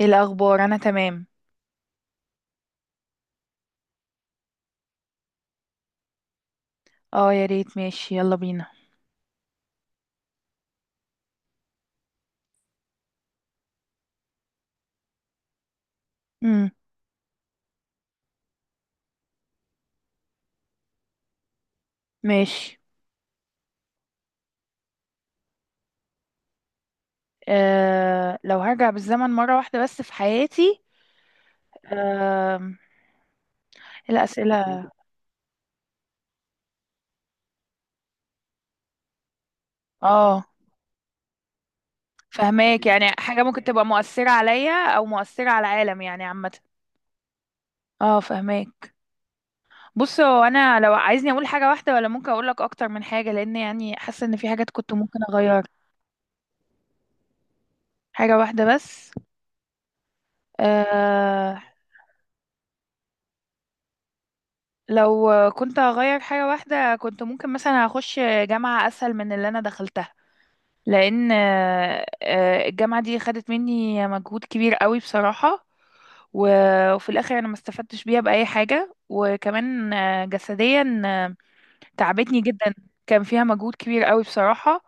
ايه الاخبار؟ انا تمام. اه يا ريت، ماشي يلا بينا. امم ماشي. آه لو هرجع بالزمن مرة واحدة بس في حياتي. آه الأسئلة. اه فهماك، يعني حاجة ممكن تبقى مؤثرة عليا او مؤثرة على العالم يعني عامة. اه فهماك. بص هو انا لو عايزني اقول حاجة واحدة ولا ممكن اقول لك اكتر من حاجة، لان يعني حاسة ان في حاجات كنت ممكن اغيرها. حاجة واحدة بس. آه لو كنت هغير حاجة واحدة، كنت ممكن مثلا هخش جامعة أسهل من اللي أنا دخلتها. لأن الجامعة دي خدت مني مجهود كبير قوي بصراحة. وفي الآخر أنا ما استفدتش بيها بأي حاجة، وكمان جسديا تعبتني جدا. كان فيها مجهود كبير قوي بصراحة،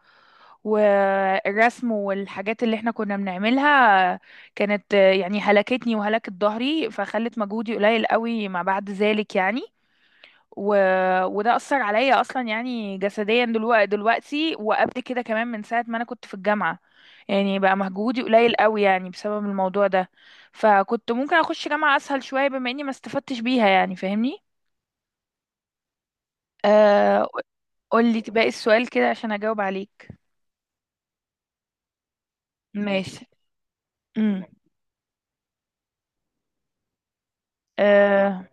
والرسم والحاجات اللي احنا كنا بنعملها كانت يعني هلكتني وهلكت ظهري، فخلت مجهودي قليل قوي ما بعد ذلك يعني. و... وده أثر عليا أصلا، يعني جسديا دلوقتي وقبل كده كمان، من ساعة ما أنا كنت في الجامعة يعني بقى مجهودي قليل قوي يعني بسبب الموضوع ده. فكنت ممكن أخش جامعة أسهل شوية بما إني ما استفدتش بيها، يعني فاهمني. آه... قولي باقي السؤال كده عشان أجاوب عليك. ماشي. امم آه...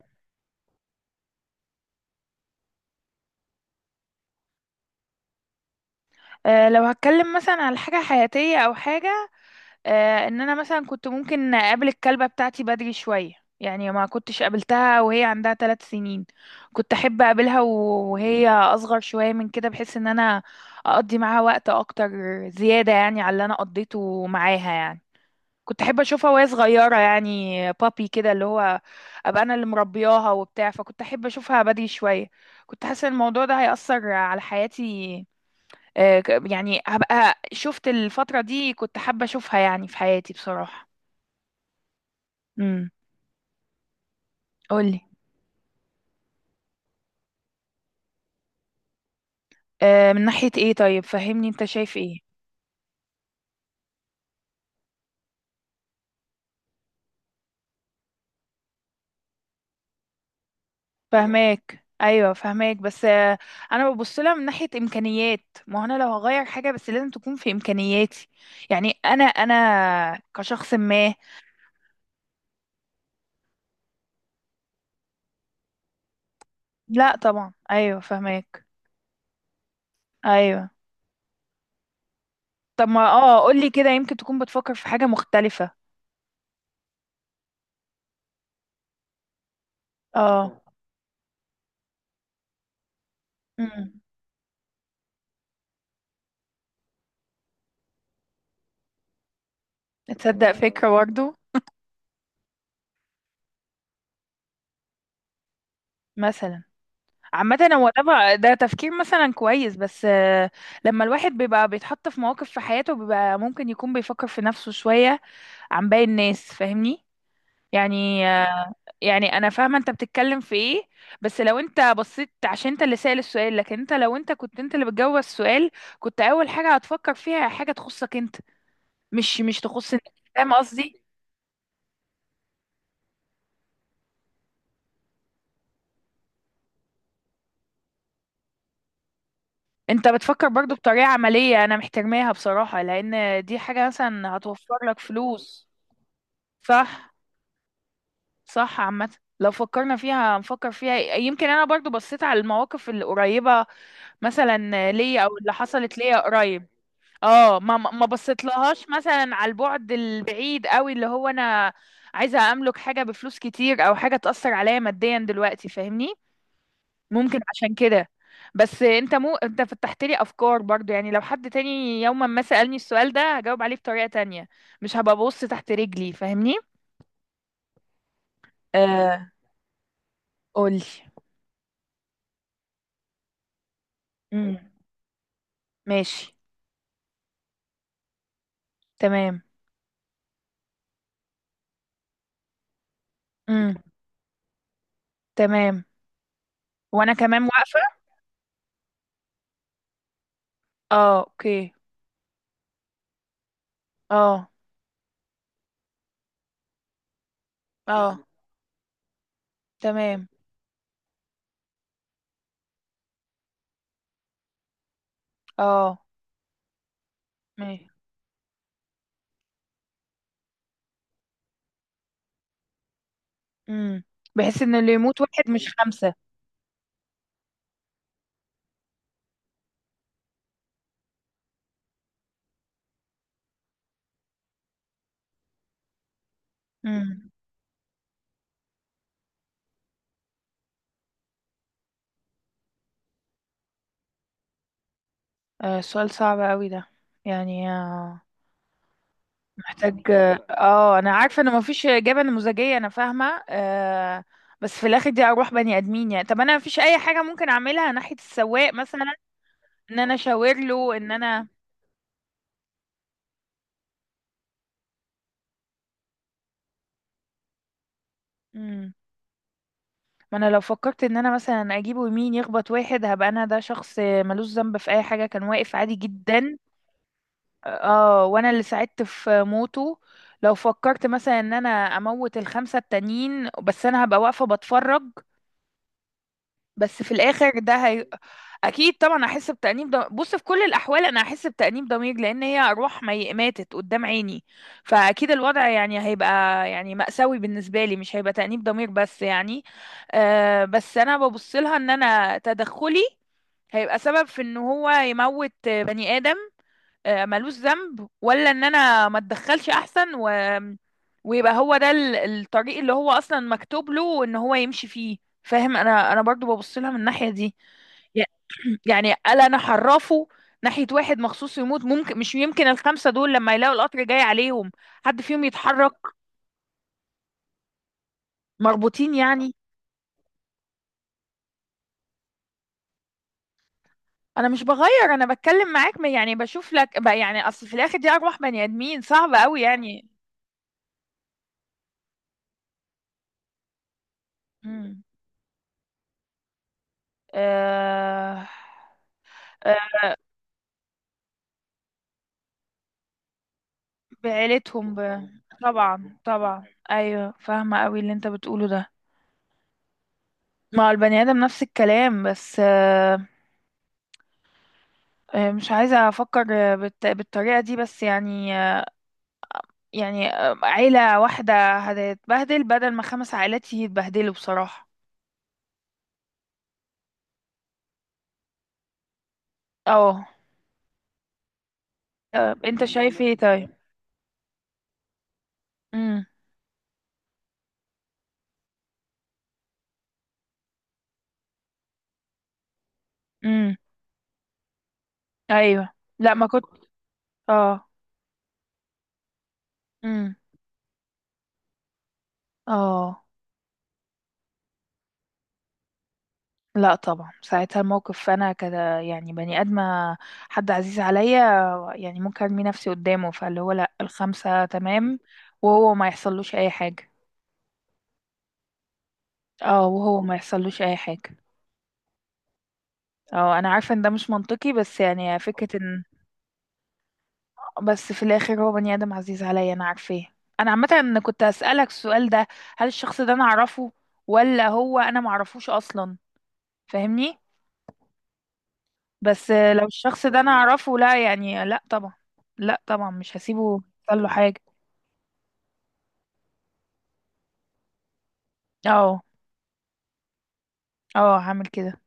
لو هتكلم مثلا على حاجة حياتية أو حاجة، ان انا مثلا كنت ممكن اقابل الكلبة بتاعتي بدري شوية. يعني ما كنتش قابلتها وهي عندها ثلاث سنين. كنت احب اقابلها وهي اصغر شوية من كده، بحيث ان انا اقضي معاها وقت اكتر زيادة يعني على اللي انا قضيته معاها يعني. كنت احب اشوفها وهي صغيرة، يعني بابي كده، اللي هو ابقى انا اللي مربياها وبتاع، فكنت احب اشوفها بدري شوية. كنت حاسة ان الموضوع ده هيأثر على حياتي. يعني هبقى شفت الفترة دي، كنت حابة أشوفها يعني في حياتي بصراحة. امم قولي. من ناحية ايه؟ طيب فهمني انت شايف ايه. فهماك، ايوه فهماك، بس انا ببص لها من ناحية امكانيات. ما هو انا لو هغير حاجة بس لازم تكون في امكانياتي. يعني انا كشخص ما. لا طبعا، ايوه فهماك. ايوه. طب ما اه قولي كده، يمكن تكون بتفكر في حاجة مختلفة. اه. امم تصدق فكرة برضه. مثلا. عامة هو ده تفكير مثلا كويس، بس لما الواحد بيبقى بيتحط في مواقف في حياته، بيبقى ممكن يكون بيفكر في نفسه شوية عن باقي الناس، فاهمني. يعني يعني انا فاهمة انت بتتكلم في ايه. بس لو انت بصيت، عشان انت اللي سأل السؤال، لكن انت لو انت كنت انت اللي بتجاوب السؤال، كنت اول حاجة هتفكر فيها حاجة تخصك انت، مش تخص الناس، فاهم قصدي. انت بتفكر برضو بطريقة عملية، انا محترماها بصراحة، لان دي حاجة مثلا هتوفر لك فلوس. صح. صح عامة، لو فكرنا فيها نفكر فيها. يمكن انا برضو بصيت على المواقف القريبة مثلا ليا او اللي حصلت ليا قريب. اه ما بصيت لهاش مثلا على البعد البعيد قوي، اللي هو انا عايزة املك حاجة بفلوس كتير او حاجة تأثر عليا ماديا دلوقتي، فاهمني، ممكن عشان كده. بس انت مو انت فتحت لي افكار برضو، يعني لو حد تاني يوما ما سألني السؤال ده، هجاوب عليه بطريقة تانية، مش هبقى ببص تحت رجلي، فاهمني. آه قولي. امم ماشي. تمام. امم تمام، وانا كمان واقفة. اه اوكي. اه. اه تمام. اه ماشي. امم بحس ان اللي يموت واحد مش خمسة. امم آه سؤال صعب قوي ده. يعني آه محتاج. اه انا عارفة ان مفيش اجابة نموذجية، انا فاهمة آه. بس في الاخر دي اروح بني ادمين يعني. طب انا مفيش اي حاجة ممكن اعملها ناحية السواق مثلا؟ ان انا اشاور له ان انا. مم. ما انا لو فكرت ان انا مثلا اجيبه يمين يخبط واحد، هبقى انا ده شخص ملوش ذنب في اي حاجه، كان واقف عادي جدا. اه وانا اللي ساعدت في موته. لو فكرت مثلا ان انا اموت الخمسه التانيين، بس انا هبقى واقفه بتفرج. بس في الاخر اكيد طبعا هحس بتأنيب ضمير. بص في كل الاحوال انا هحس بتأنيب ضمير، لان هي ارواح ماتت قدام عيني. فاكيد الوضع يعني هيبقى يعني مأساوي بالنسبه لي، مش هيبقى تأنيب ضمير بس يعني. بس انا ببص لها ان انا تدخلي هيبقى سبب في ان هو يموت بني ادم ملوش ذنب، ولا ان انا ما اتدخلش احسن ويبقى هو ده الطريق اللي هو اصلا مكتوب له ان هو يمشي فيه، فاهم. انا برضو ببص لها من الناحية دي. يع- يعني الا انا حرفه ناحية واحد مخصوص يموت، ممكن مش يمكن الخمسة دول لما يلاقوا القطر جاي عليهم حد فيهم يتحرك؟ مربوطين يعني؟ انا مش بغير، انا بتكلم معاك. يعني بشوف لك بقى، يعني اصل في الاخر دي ارواح بني ادمين صعبة قوي يعني. مم. آه... آه، بعيلتهم طبعا طبعا، ايوه فاهمه قوي اللي انت بتقوله ده. ما هو البني ادم نفس الكلام، بس مش عايزه افكر بالطريقه دي، بس يعني يعني عيله واحده هتتبهدل بدل ما خمس عائلات يتبهدلوا بصراحه. اه. انت شايف ايه طيب؟ امم امم ايوه. لا ما كنت. اه. امم اه. لا طبعا، ساعتها الموقف فانا كده يعني بني ادمه حد عزيز عليا، يعني ممكن ارمي نفسي قدامه، فاللي هو لا الخمسه تمام وهو ما يحصلوش اي حاجه. اه وهو ما يحصلوش اي حاجه. اه انا عارفه ان ده مش منطقي، بس يعني فكره ان بس في الاخر هو بني ادم عزيز عليا انا عارفاه. انا عامه إن كنت اسالك السؤال ده، هل الشخص ده انا اعرفه ولا هو انا ما اعرفوش اصلا؟ فاهمني. بس لو الشخص ده انا اعرفه، لا يعني لا طبعا. لا طبعا مش هسيبه يحصل له حاجه. اه. اه هعمل كده.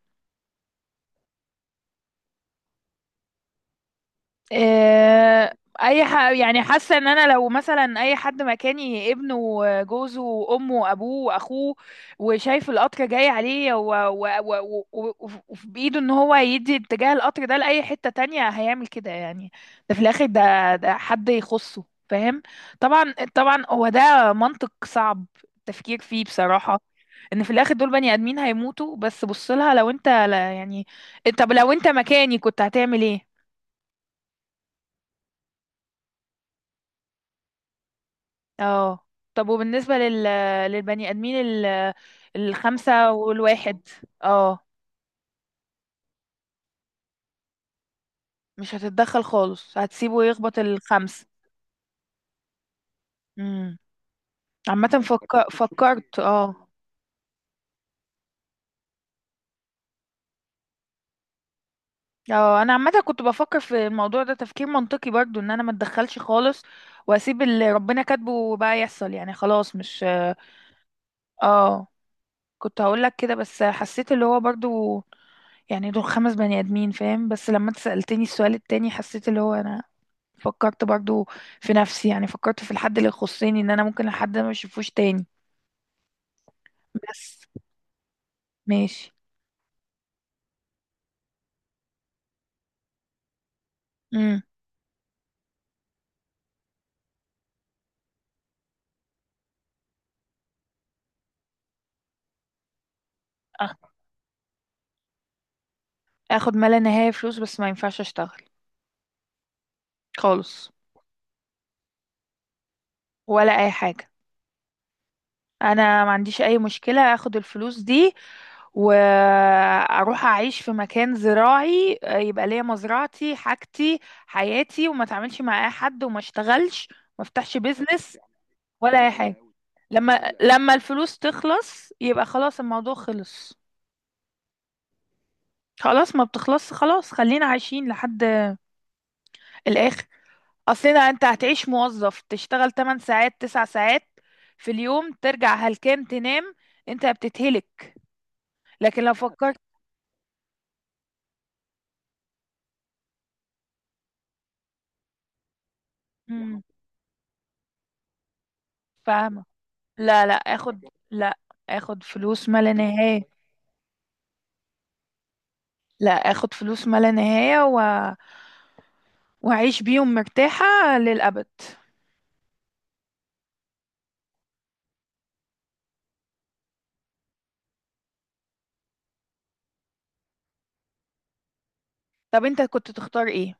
آه، يعني حاسه ان انا لو مثلا اي حد مكاني، ابنه وجوزه وامه وابوه واخوه، وشايف القطر جاي عليه وفي بايده ان هو يدي اتجاه القطر ده لاي حته تانية، هيعمل كده يعني. ده في الاخر ده حد يخصه، فاهم. طبعا طبعا، هو ده منطق صعب التفكير فيه بصراحه، ان في الاخر دول بني ادمين هيموتوا. بس بص لها لو انت، لا يعني، طب لو انت مكاني كنت هتعمل ايه؟ اه. طب وبالنسبة للبني آدمين الخمسة والواحد؟ اه. مش هتتدخل خالص، هتسيبه يخبط الخمس. امم عامة فكرت اه. اه انا عامة كنت بفكر في الموضوع ده تفكير منطقي برضو، ان انا ما اتدخلش خالص، واسيب اللي ربنا كاتبه بقى يحصل يعني، خلاص مش. اه كنت هقول لك كده، بس حسيت اللي هو برضو يعني دول خمس بني ادمين فاهم، بس لما انت سألتني السؤال التاني حسيت اللي هو انا فكرت برضو في نفسي، يعني فكرت في الحد اللي يخصني، ان انا ممكن الحد ده ما اشوفوش تاني. بس ماشي. امم اخد ما لا نهاية فلوس بس ما ينفعش اشتغل. خالص. ولا اي حاجة. انا ما عنديش اي مشكلة اخد الفلوس دي واروح اعيش في مكان زراعي، يبقى ليا مزرعتي، حاجتي، حياتي، وما اتعاملش مع اي حد وما اشتغلش، ما افتحش بيزنس ولا اي حاجة. لما الفلوس تخلص يبقى خلاص الموضوع خلص. خلاص ما بتخلص، خلاص خلينا عايشين لحد الآخر. أصلنا أنت هتعيش موظف تشتغل 8 ساعات 9 ساعات في اليوم، ترجع هلكان تنام، أنت بتتهلك. لكن لو فكرت مم. فاهمة. لا آخد. لا آخد فلوس ما لا نهاية. لا آخد فلوس ما لا نهاية وأعيش بيهم مرتاحة للأبد. طب أنت كنت تختار إيه؟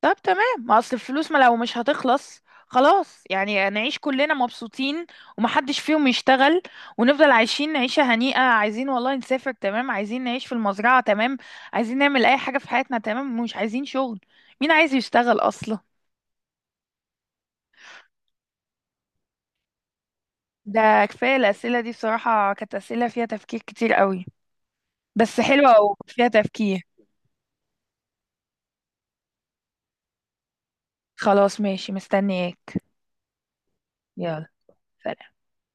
طب تمام، ما اصل الفلوس ما لو مش هتخلص، خلاص يعني نعيش كلنا مبسوطين ومحدش فيهم يشتغل، ونفضل عايشين عيشة هنيئة. عايزين والله نسافر، تمام. عايزين نعيش في المزرعة، تمام. عايزين نعمل اي حاجة في حياتنا، تمام. مش عايزين شغل. مين عايز يشتغل اصلا؟ ده كفاية، الأسئلة دي بصراحة كانت أسئلة فيها تفكير كتير قوي، بس حلوة وفيها تفكير. خلاص ماشي، مستنياك. يلا.